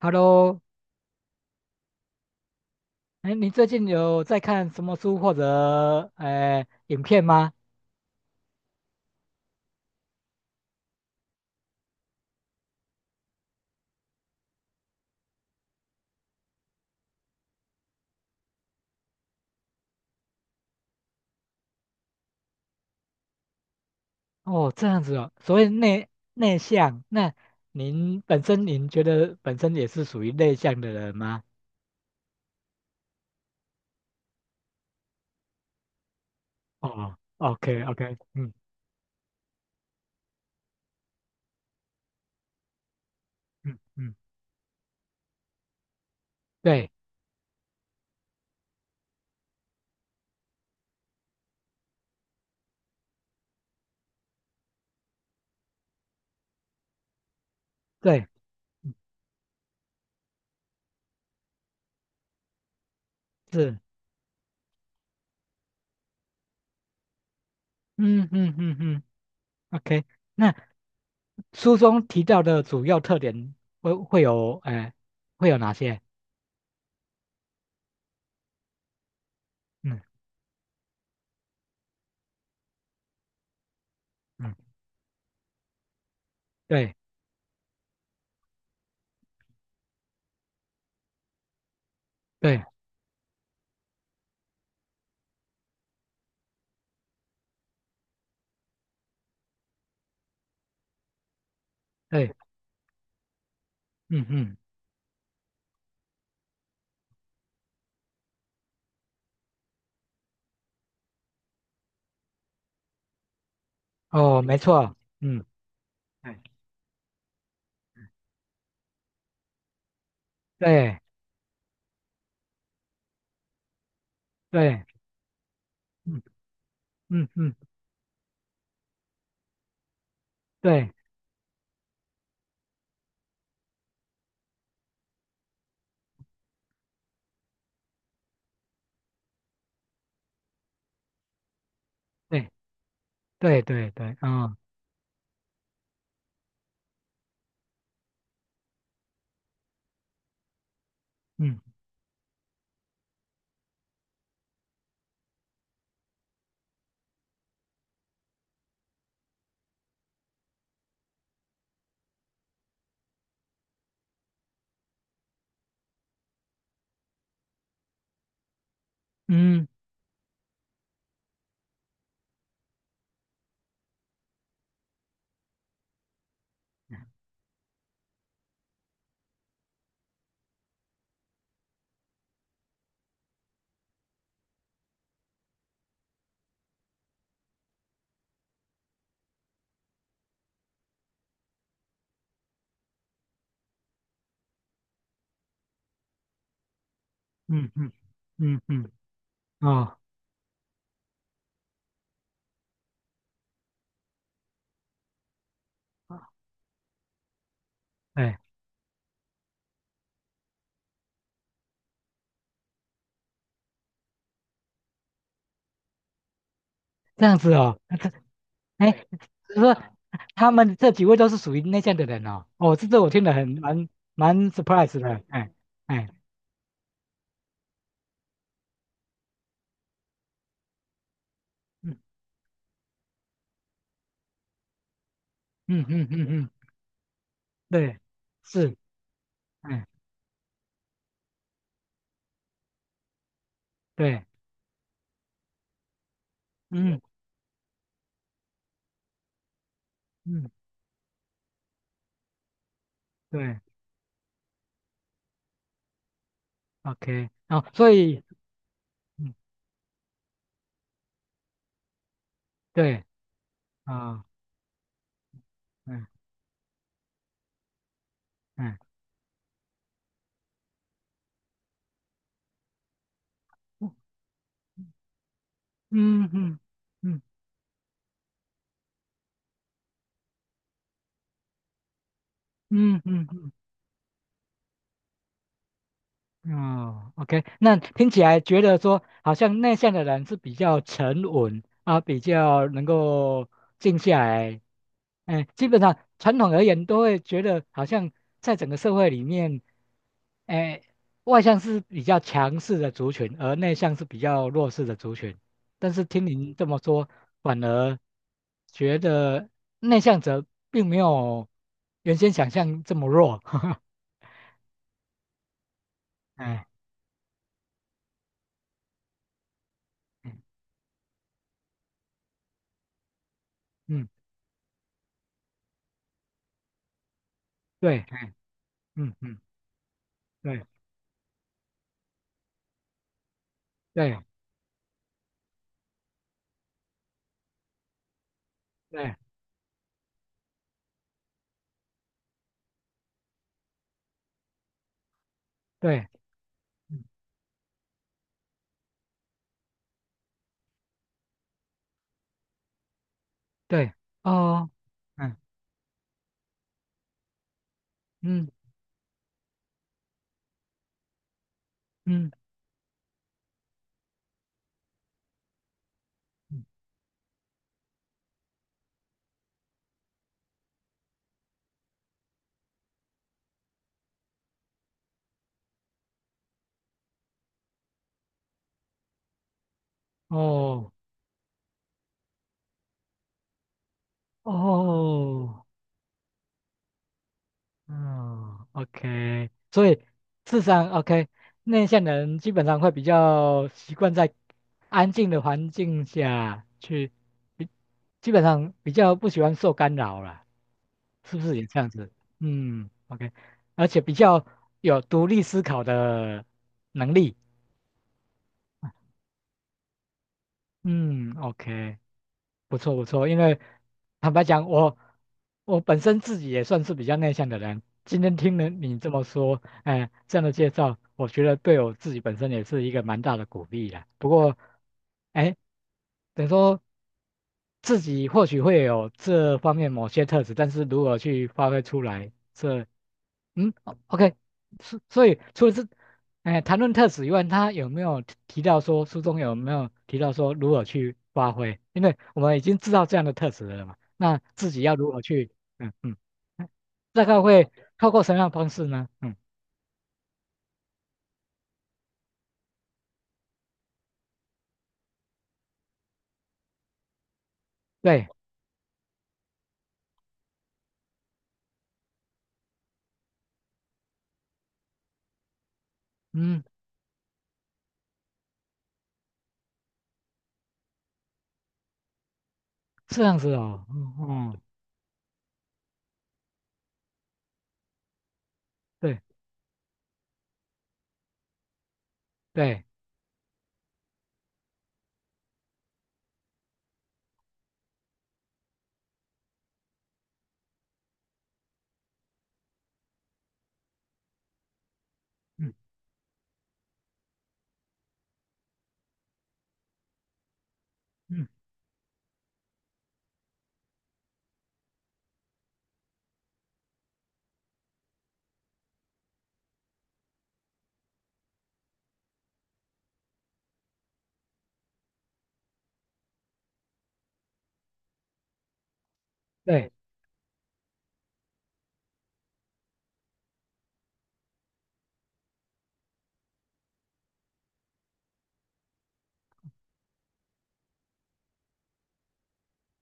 Hello，哎，你最近有在看什么书或者影片吗？哦，这样子哦，所谓内向，那您本身您觉得本身也是属于内向的人吗？哦，OK OK，嗯嗯嗯，对对，嗯是，嗯嗯嗯嗯，OK，那书中提到的主要特点会会有呃会有哪些？嗯嗯，对对对，嗯嗯，哦，没错，嗯。哎对。对，嗯嗯嗯，对对对对对，啊，嗯嗯嗯嗯嗯嗯，哦，对，这样子哦，哎，就是说他们这几位都是属于内向的人哦，哦，这我听得很蛮 surprise 的，哎哎，嗯嗯嗯嗯嗯，对，是，哎对，嗯嗯对，OK，哦，所以，嗯对，啊，嗯嗯嗯嗯嗯嗯嗯嗯。哦，OK，那听起来觉得说，好像内向的人是比较沉稳啊，比较能够静下来。哎，基本上传统而言，都会觉得好像在整个社会里面，哎，外向是比较强势的族群，而内向是比较弱势的族群。但是听您这么说，反而觉得内向者并没有原先想象这么弱。哎，嗯，嗯对，嗯嗯，对。对对对嗯对哦，嗯嗯嗯嗯哦哦嗯，OK，所以智商 o k 内向的人基本上会比较习惯在安静的环境下去，比基本上比较不喜欢受干扰了，是不是也这样子？嗯，OK，而且比较有独立思考的能力。嗯，OK，不错不错，因为坦白讲，我本身自己也算是比较内向的人。今天听了你这么说，哎、这样的介绍，我觉得对我自己本身也是一个蛮大的鼓励啦。不过，哎，等于说自己或许会有这方面某些特质，但是如何去发挥出来，这嗯哦，OK，所所以除了这，哎，谈论特质以外，他有没有提到说书中有没有提到说如何去发挥？因为我们已经知道这样的特质了嘛，那自己要如何去，嗯嗯，嗯大概会透过什么样的方式呢？嗯，对，嗯，是这样子哦，嗯嗯，对对，嗯嗯对，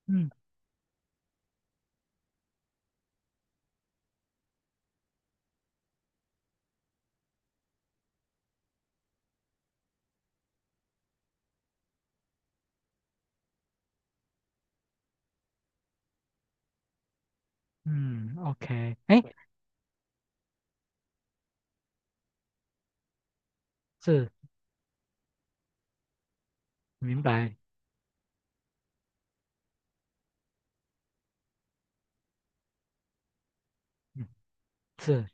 嗯嗯，OK，哎，是明白，嗯是。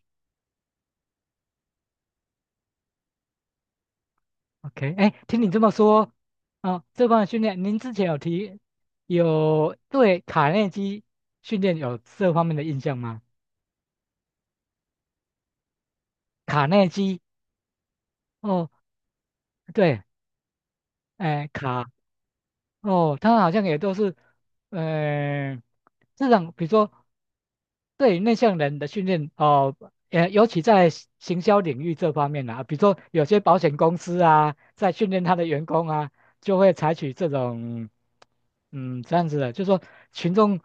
OK，哎，听你这么说，啊、这方面训练，您之前有提，有对卡内基训练有这方面的印象吗？卡内基，哦，对，哎，卡哦，他好像也都是，呃，这种比如说对于内向人的训练哦，也尤其在行销领域这方面啊，比如说有些保险公司啊，在训练他的员工啊，就会采取这种，嗯，这样子的，就说群众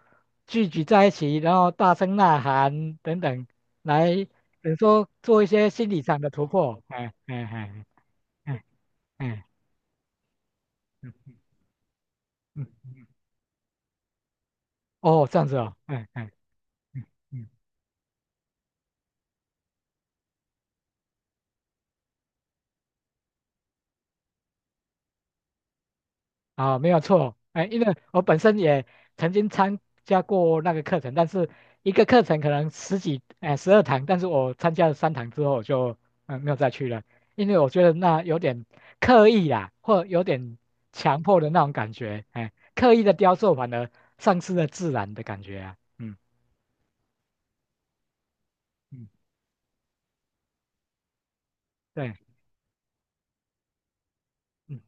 聚集在一起，然后大声呐喊等等，来，比如说做一些心理上的突破，哎哎哎哎哎，嗯嗯嗯，哦，这样子哦，哎哎。嗯嗯，啊，没有错，哎，因为我本身也曾经参加过那个课程，但是一个课程可能十几，哎，12堂，但是我参加了3堂之后，我就嗯没有再去了，因为我觉得那有点刻意啦，或有点强迫的那种感觉，哎，刻意的雕塑反而丧失了自然的感觉啊，嗯嗯，对，嗯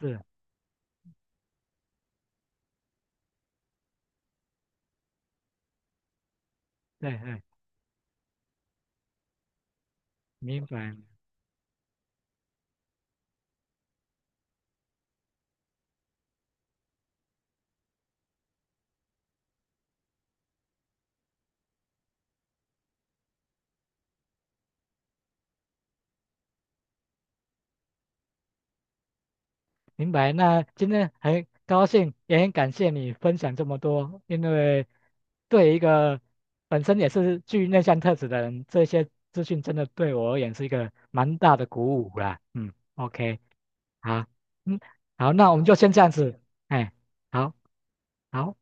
是，对对，明白明白。那今天很高兴，也很感谢你分享这么多，因为对一个本身也是具内向特质的人，这些资讯真的对我而言是一个蛮大的鼓舞啦。嗯，OK，好，嗯，好，那我们就先这样子，哎，好，好。